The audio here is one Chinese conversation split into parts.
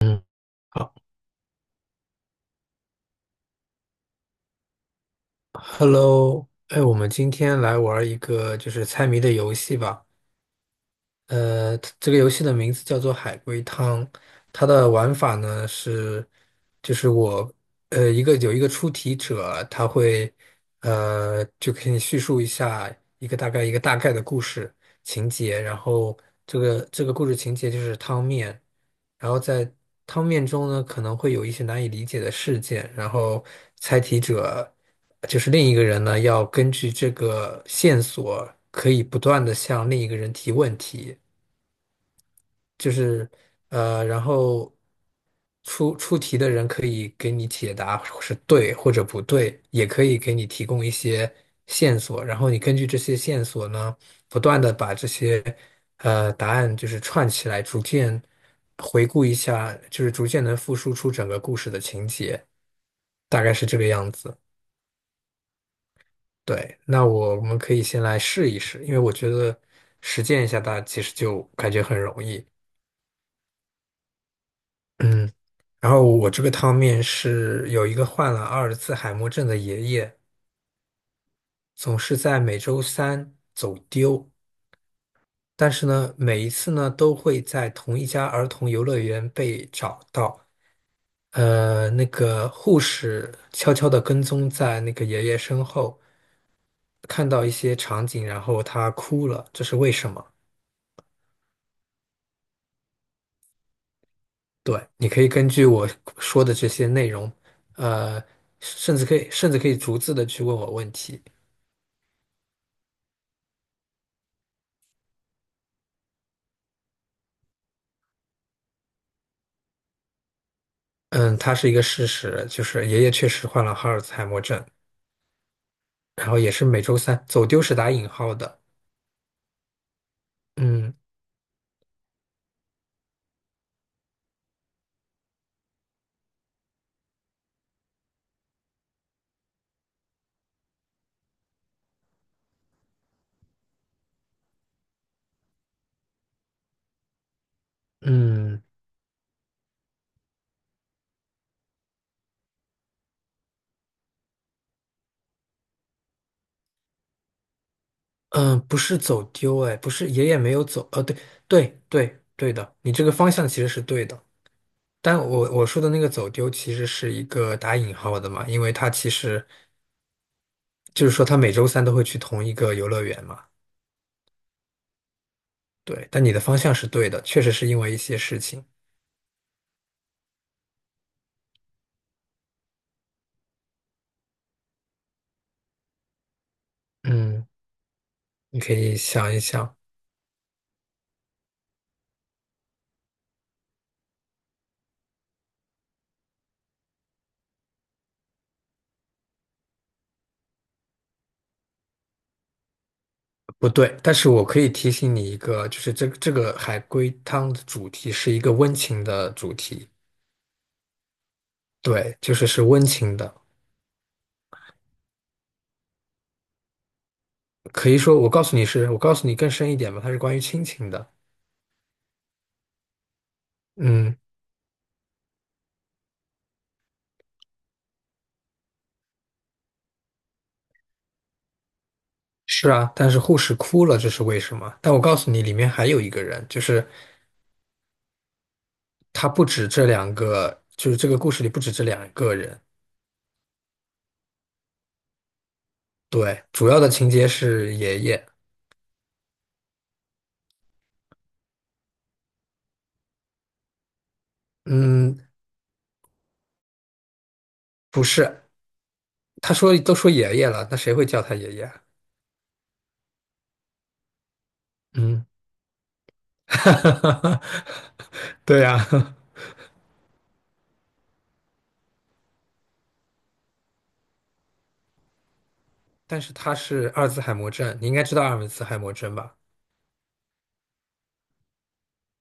嗯，好，Hello，哎，我们今天来玩一个就是猜谜的游戏吧。这个游戏的名字叫做《海龟汤》，它的玩法呢是，就是一个有一个出题者，他会就给你叙述一下一个大概的故事情节，然后这个故事情节就是汤面，然后在汤面中呢可能会有一些难以理解的事件，然后猜题者就是另一个人呢要根据这个线索可以不断的向另一个人提问题。就是然后出题的人可以给你解答是对或者不对，也可以给你提供一些线索，然后你根据这些线索呢，不断的把这些答案就是串起来，逐渐回顾一下，就是逐渐能复述出整个故事的情节，大概是这个样子。对，那我们可以先来试一试，因为我觉得实践一下大家其实就感觉很容易。嗯，然后我这个汤面是有一个患了阿尔茨海默症的爷爷，总是在每周三走丢，但是呢，每一次呢都会在同一家儿童游乐园被找到。那个护士悄悄地跟踪在那个爷爷身后，看到一些场景，然后他哭了，这是为什么？对，你可以根据我说的这些内容，呃，甚至可以逐字的去问我问题。嗯，它是一个事实，就是爷爷确实患了哈尔茨海默症，然后也是每周三，走丢是打引号的。嗯嗯嗯，不是走丢，哎，不是爷爷没有走，对对对对的，你这个方向其实是对的，但我说的那个走丢其实是一个打引号的嘛，因为他其实就是说他每周三都会去同一个游乐园嘛，对，但你的方向是对的，确实是因为一些事情，嗯，你可以想一想。不对，但是我可以提醒你一个，就是这个海龟汤的主题是一个温情的主题，对，就是是温情的，可以说我告诉你是，我告诉你更深一点吧，它是关于亲情的，嗯，是啊，但是护士哭了，这是为什么？但我告诉你，里面还有一个人，就是他不止这两个，就是这个故事里不止这两个人，对，主要的情节是爷爷，嗯，不是，他说都说爷爷了，那谁会叫他爷爷啊。嗯。哈哈哈哈对呀、啊但是他是阿尔兹海默症，你应该知道阿尔兹海默症吧？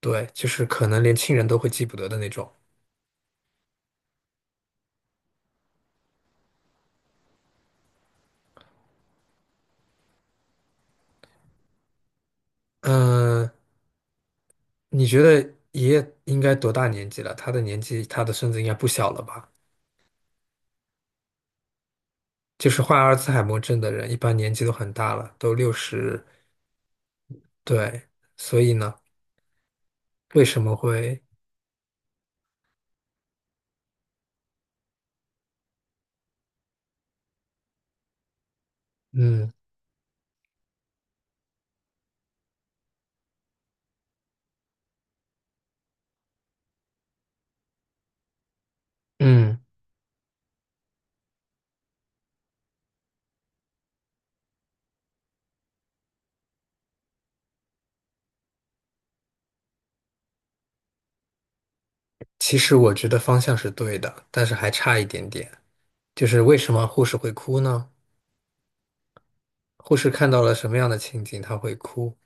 对，就是可能连亲人都会记不得的那种。嗯，你觉得爷爷应该多大年纪了？他的年纪，他的孙子应该不小了吧？就是患阿尔兹海默症的人，一般年纪都很大了，都60。对，所以呢，为什么会？嗯嗯，其实我觉得方向是对的，但是还差一点点。就是为什么护士会哭呢？护士看到了什么样的情景，她会哭。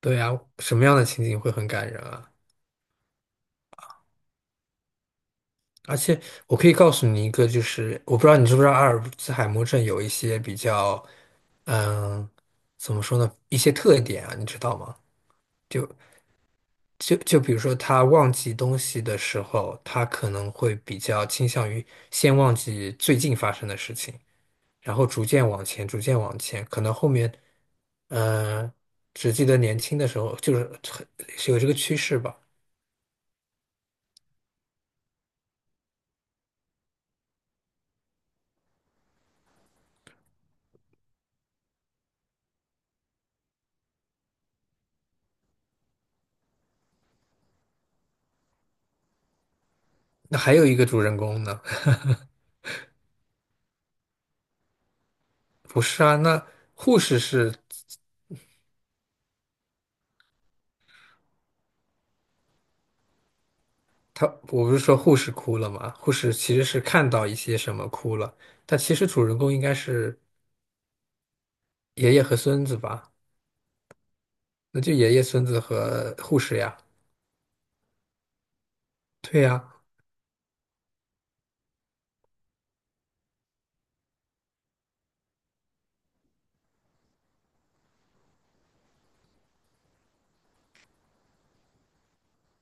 对啊，什么样的情景会很感人啊？而且我可以告诉你一个，就是我不知道你知不知道阿尔兹海默症有一些比较，嗯，怎么说呢？一些特点啊，你知道吗？就就比如说，他忘记东西的时候，他可能会比较倾向于先忘记最近发生的事情。然后逐渐往前，逐渐往前，可能后面，嗯，只记得年轻的时候，就是很是有这个趋势吧。那还有一个主人公呢，不是啊？那护士是他，我不是说护士哭了吗？护士其实是看到一些什么哭了，但其实主人公应该是爷爷和孙子吧？那就爷爷、孙子和护士呀。对呀，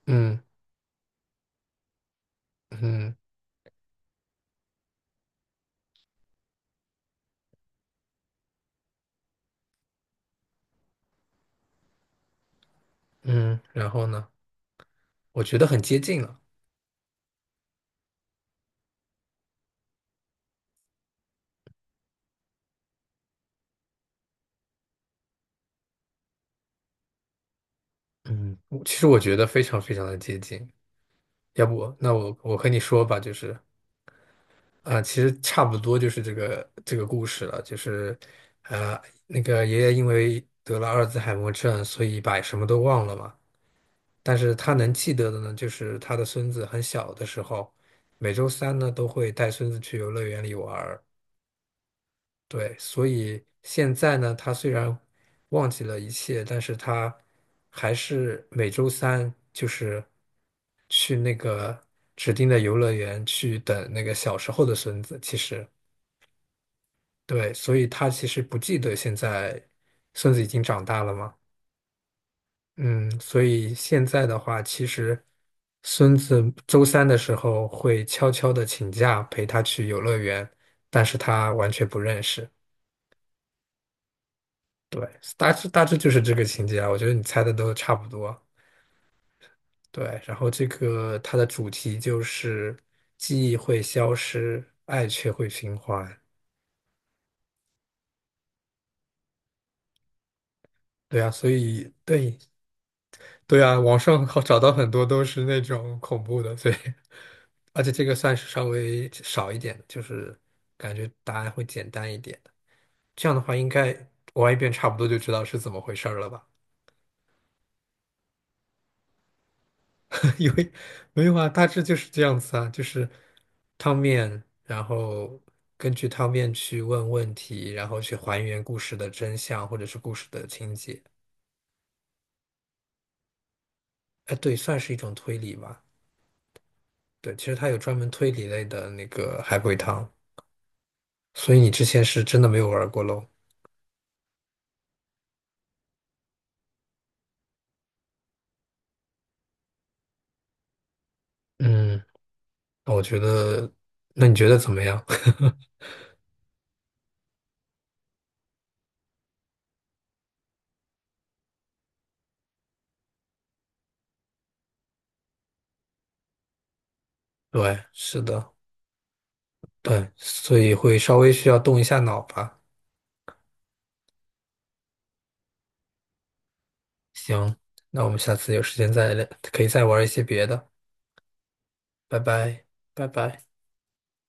嗯嗯嗯，然后呢？我觉得很接近了。嗯，我其实我觉得非常非常的接近。要不，那我和你说吧，就是啊、其实差不多就是这个故事了，就是呃，那个爷爷因为得了阿尔兹海默症，所以把什么都忘了嘛。但是他能记得的呢，就是他的孙子很小的时候，每周三呢都会带孙子去游乐园里玩儿，对，所以现在呢，他虽然忘记了一切，但是他还是每周三就是去那个指定的游乐园去等那个小时候的孙子。其实，对，所以他其实不记得现在孙子已经长大了嘛。嗯，所以现在的话，其实孙子周三的时候会悄悄的请假陪他去游乐园，但是他完全不认识。对，大致就是这个情节啊，我觉得你猜的都差不多。对，然后这个它的主题就是记忆会消失，爱却会循环。对啊，所以对对啊，网上好找到很多都是那种恐怖的，所以 而且这个算是稍微少一点的就是感觉答案会简单一点的这样的话，应该玩一遍差不多就知道是怎么回事儿了吧？因为没有啊，大致就是这样子啊，就是汤面，然后根据汤面去问问题，然后去还原故事的真相或者是故事的情节。哎，对，算是一种推理吧。对，其实它有专门推理类的那个海龟汤，所以你之前是真的没有玩过喽。嗯，那我觉得，那你觉得怎么样？对，是的，对，所以会稍微需要动一下脑吧。行，那我们下次有时间再聊，可以再玩一些别的。拜拜，拜拜。